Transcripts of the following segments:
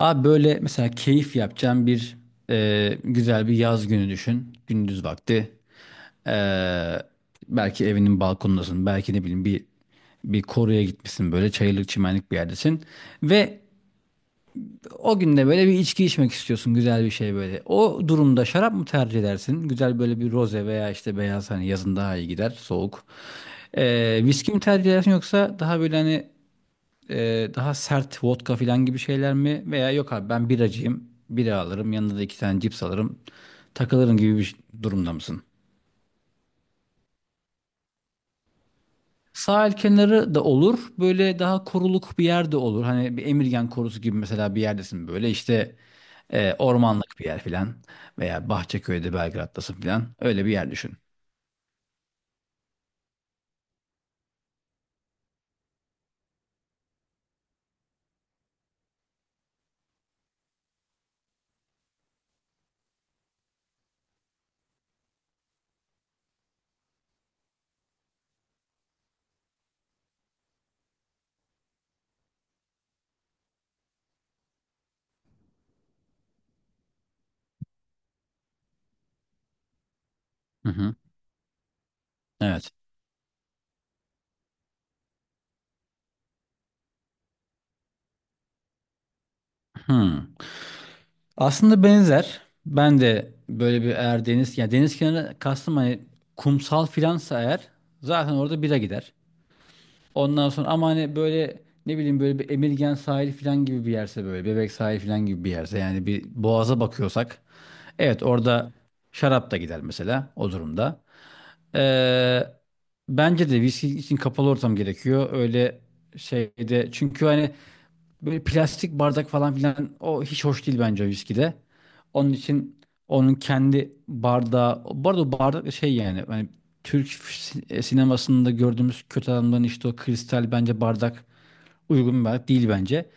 Abi böyle mesela keyif yapacağın bir güzel bir yaz günü düşün. Gündüz vakti. E, Belki evinin balkonundasın. Belki ne bileyim bir koruya gitmişsin böyle çayırlık çimenlik bir yerdesin. Ve o günde böyle bir içki içmek istiyorsun güzel bir şey böyle. O durumda şarap mı tercih edersin? Güzel böyle bir roze veya işte beyaz hani yazın daha iyi gider soğuk. E, Viski mi tercih edersin yoksa daha böyle hani daha sert vodka falan gibi şeyler mi? Veya yok abi ben biracıyım. Bira alırım. Yanında da iki tane cips alırım. Takılırım gibi bir durumda mısın? Sahil kenarı da olur. Böyle daha koruluk bir yer de olur. Hani bir Emirgan korusu gibi mesela bir yerdesin böyle. İşte ormanlık bir yer filan. Veya Bahçeköy'de Belgrad'dasın filan. Öyle bir yer düşün. Hı hı. Evet. Hı. Aslında benzer. Ben de böyle bir eğer deniz yani deniz kenarı kastım hani kumsal filansa eğer zaten orada bira gider. Ondan sonra ama hani böyle ne bileyim böyle bir Emirgan sahili filan gibi bir yerse böyle Bebek sahili filan gibi bir yerse yani bir boğaza bakıyorsak evet orada şarap da gider mesela o durumda. Ee, Bence de viski için kapalı ortam gerekiyor. Öyle şeyde çünkü hani böyle plastik bardak falan filan o hiç hoş değil bence viskide. Onun için onun kendi bardağı, bu arada o bardak da şey yani hani Türk sinemasında gördüğümüz kötü adamların işte o kristal bence bardak uygun bir bardak değil bence.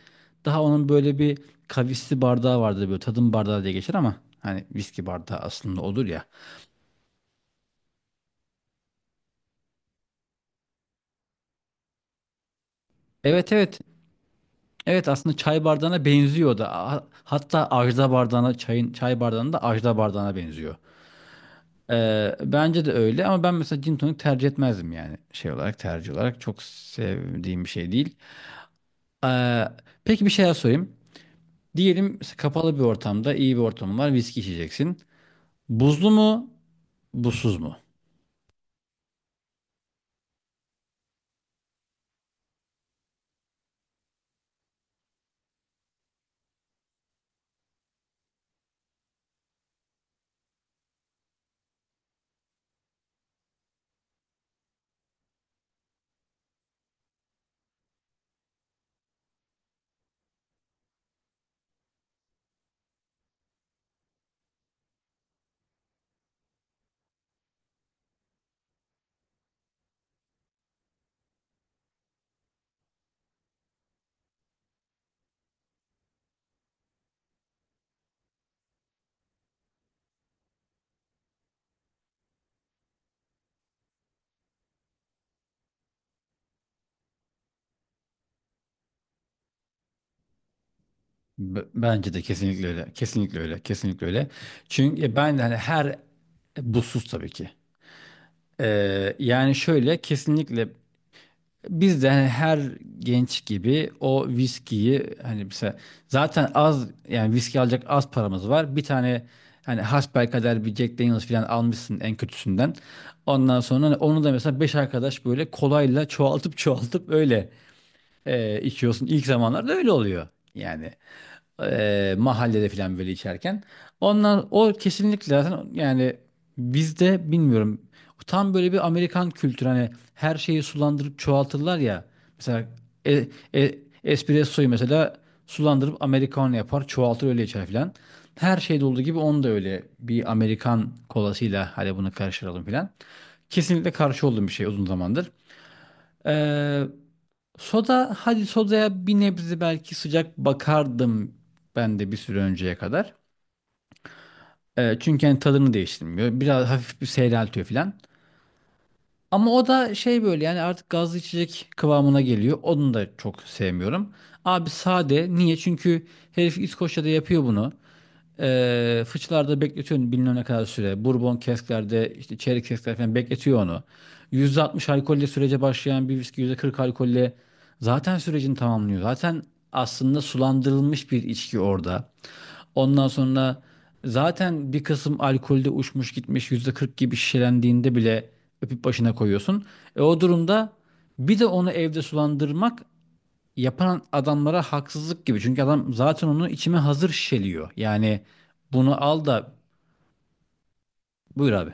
Daha onun böyle bir kavisli bardağı vardı böyle tadım bardağı diye geçer ama hani viski bardağı aslında olur ya. Evet evet. Evet aslında çay bardağına benziyor da. Hatta ajda bardağına çay bardağına da ajda bardağına benziyor. Bence de öyle ama ben mesela gin tonic tercih etmezdim yani şey olarak tercih olarak çok sevdiğim bir şey değil. Ee, peki bir şey daha sorayım. Diyelim kapalı bir ortamda iyi bir ortam var viski içeceksin. Buzlu mu buzsuz mu? Bence de kesinlikle öyle. Kesinlikle öyle. Kesinlikle öyle. Çünkü ya ben de hani her buzsuz tabii ki. Yani şöyle kesinlikle biz de hani her genç gibi o viskiyi hani mesela zaten az yani viski alacak az paramız var. Bir tane hani hasbelkader bir Jack Daniel's falan almışsın en kötüsünden. Ondan sonra hani onu da mesela beş arkadaş böyle kolayla çoğaltıp çoğaltıp öyle içiyorsun. İlk zamanlarda öyle oluyor yani. Mahallede falan böyle içerken. Onlar o kesinlikle zaten yani bizde bilmiyorum tam böyle bir Amerikan kültürü hani her şeyi sulandırıp çoğaltırlar ya. Mesela e, e, espressoyu mesela sulandırıp Americano yapar çoğaltır öyle içer falan. Her şeyde olduğu gibi onu da öyle bir Amerikan kolasıyla hadi bunu karıştıralım falan. Kesinlikle karşı olduğum bir şey uzun zamandır. Soda, hadi sodaya bir nebze belki sıcak bakardım ben de bir süre önceye kadar. Çünkü hani tadını değiştirmiyor. Biraz hafif bir seyreltiyor falan. Ama o da şey böyle yani artık gazlı içecek kıvamına geliyor. Onu da çok sevmiyorum. Abi sade. Niye? Çünkü herif İskoçya'da yapıyor bunu. Fıçılarda bekletiyorsun bilmem ne kadar süre. Bourbon kesklerde işte çeyrek keskler falan bekletiyor onu. %60 alkolle sürece başlayan bir viski %40 alkolle zaten sürecini tamamlıyor. Zaten aslında sulandırılmış bir içki orada. Ondan sonra zaten bir kısım alkolde uçmuş gitmiş %40 gibi şişelendiğinde bile öpüp başına koyuyorsun. O durumda bir de onu evde sulandırmak yapan adamlara haksızlık gibi. Çünkü adam zaten onu içime hazır şişeliyor. Yani bunu al da buyur abi.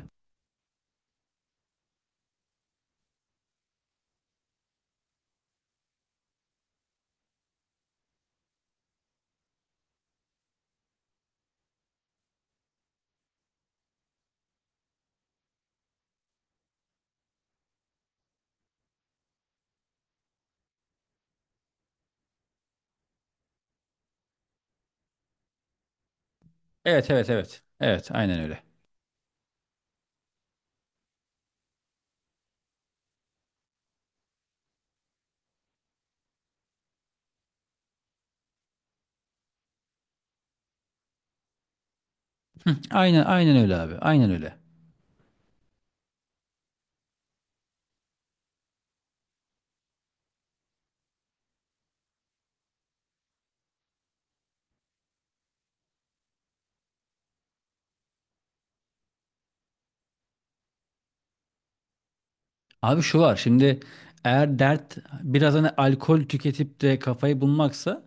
Evet evet evet. Evet aynen öyle. Aynen aynen öyle abi. Aynen öyle. Abi şu var şimdi eğer dert biraz hani alkol tüketip de kafayı bulmaksa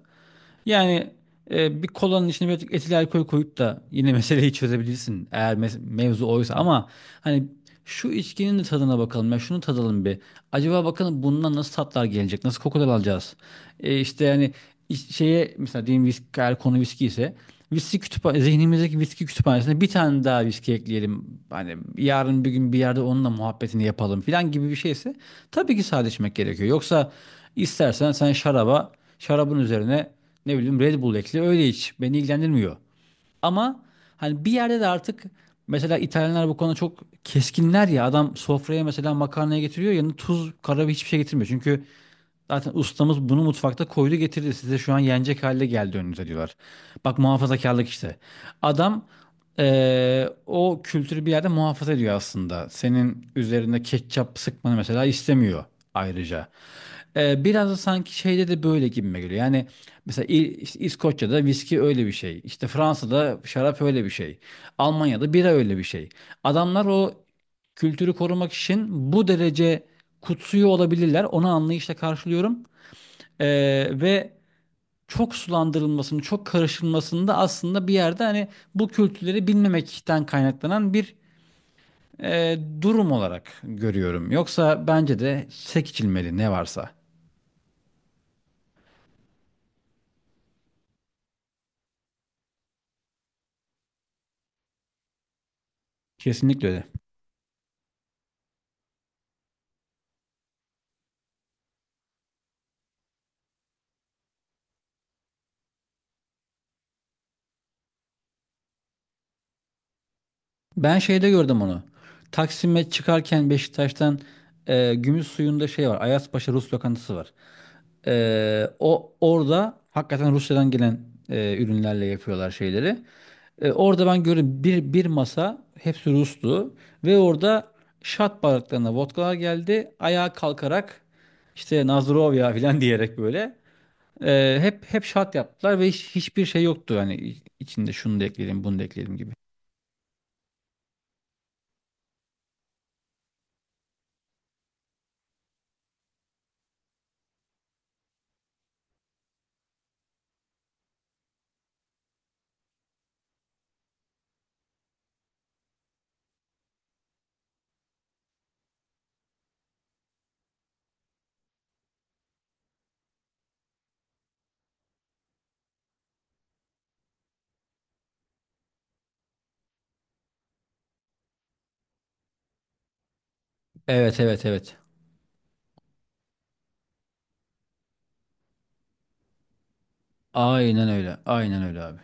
yani bir kolanın içine birazcık etil alkol koyup da yine meseleyi çözebilirsin eğer mevzu oysa ama hani şu içkinin de tadına bakalım ya şunu tadalım bir. Acaba bakalım bundan nasıl tatlar gelecek? Nasıl kokular alacağız? İşte yani şeye mesela diyelim viski, eğer konu viski ise viski kütüphane, zihnimizdeki viski kütüphanesine bir tane daha viski ekleyelim. Hani yarın bir gün bir yerde onunla muhabbetini yapalım filan gibi bir şeyse tabii ki sade içmek gerekiyor. Yoksa istersen sen şarabın üzerine ne bileyim Red Bull ekle öyle iç. Beni ilgilendirmiyor. Ama hani bir yerde de artık mesela İtalyanlar bu konuda çok keskinler ya. Adam sofraya mesela makarnaya getiriyor yanına tuz, karabiber hiçbir şey getirmiyor. Çünkü zaten ustamız bunu mutfakta koydu getirdi. Size şu an yenecek halde geldi önünüze diyorlar. Bak muhafazakarlık işte. Adam o kültürü bir yerde muhafaza ediyor aslında. Senin üzerine ketçap sıkmanı mesela istemiyor ayrıca. Biraz da sanki şeyde de böyle gibime geliyor. Yani mesela işte İskoçya'da viski öyle bir şey. İşte Fransa'da şarap öyle bir şey. Almanya'da bira öyle bir şey. Adamlar o kültürü korumak için bu derece kutsuyor olabilirler. Onu anlayışla karşılıyorum. Ee, ve çok sulandırılmasını, çok karışılmasını da aslında bir yerde hani bu kültürleri bilmemekten kaynaklanan bir durum olarak görüyorum. Yoksa bence de sek içilmeli ne varsa. Kesinlikle öyle. Ben şeyde gördüm onu. Taksim'e çıkarken Beşiktaş'tan Gümüş Suyu'nda şey var. Ayazpaşa Rus lokantası var. O orada hakikaten Rusya'dan gelen ürünlerle yapıyorlar şeyleri. Orada ben gördüm bir masa hepsi Rus'tu ve orada şat bardaklarına vodkalar geldi. Ayağa kalkarak işte Nazırov ya falan diyerek böyle hep hep şat yaptılar ve hiçbir şey yoktu hani içinde şunu da ekleyelim bunu da ekleyelim gibi. Evet evet evet. Aynen öyle. Aynen öyle abi.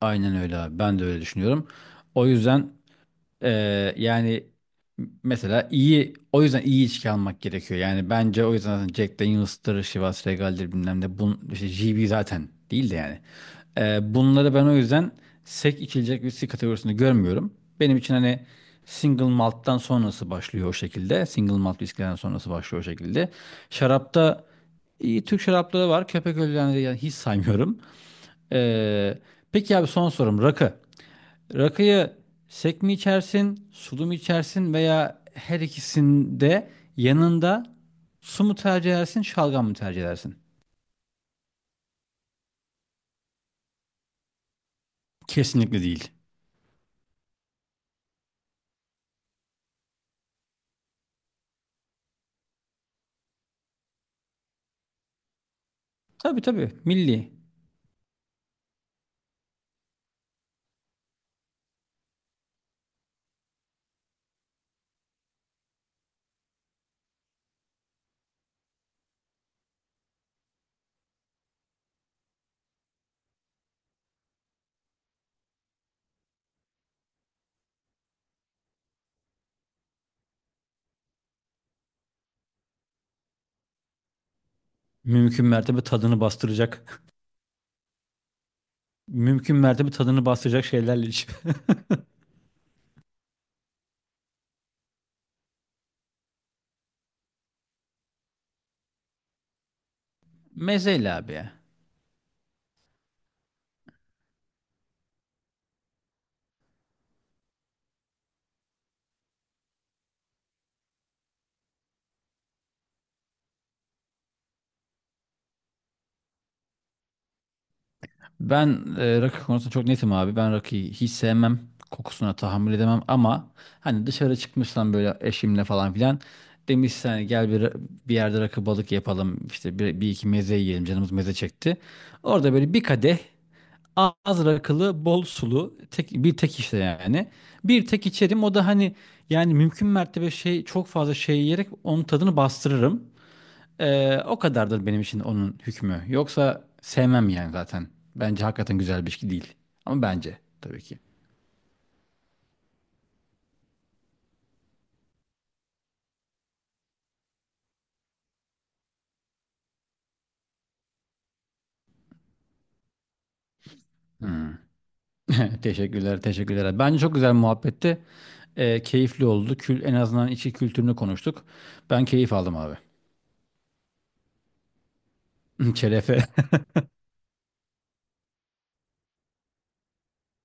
Aynen öyle abi. Ben de öyle düşünüyorum. O yüzden yani mesela iyi o yüzden iyi içki almak gerekiyor. Yani bence o yüzden zaten Jack Daniels'tır, Chivas Regal'dir bilmem ne. İşte GB zaten değil de yani. Bunları ben o yüzden sek içilecek viski kategorisinde görmüyorum. Benim için hani single malt'tan sonrası başlıyor o şekilde. Single malt viskiden sonrası başlıyor o şekilde. Şarapta iyi Türk şarapları var. Köpek ölülerini yani hiç saymıyorum. Ee, peki abi son sorum rakı. Rakıyı sek mi içersin, sulu mu içersin veya her ikisinde yanında su mu tercih edersin, şalgam mı tercih edersin? Kesinlikle değil. Tabii tabii milli. Mümkün mertebe tadını bastıracak. Mümkün mertebe tadını bastıracak şeylerle iç. Mezeyle abi ya. Ben rakı konusunda çok netim abi. Ben rakıyı hiç sevmem. Kokusuna tahammül edemem ama hani dışarı çıkmışsam böyle eşimle falan filan demişsen hani gel bir yerde rakı balık yapalım işte bir iki meze yiyelim canımız meze çekti. Orada böyle bir kadeh az rakılı bol sulu bir tek işte yani. Bir tek içerim o da hani yani mümkün mertebe şey çok fazla şey yiyerek onun tadını bastırırım. O kadardır benim için onun hükmü. Yoksa sevmem yani zaten. Bence hakikaten güzel bir ilişki değil. Ama bence tabii ki. Hmm. Teşekkürler, teşekkürler. Bence çok güzel muhabbetti. Keyifli oldu. En azından içi kültürünü konuştuk. Ben keyif aldım abi. Şerefe,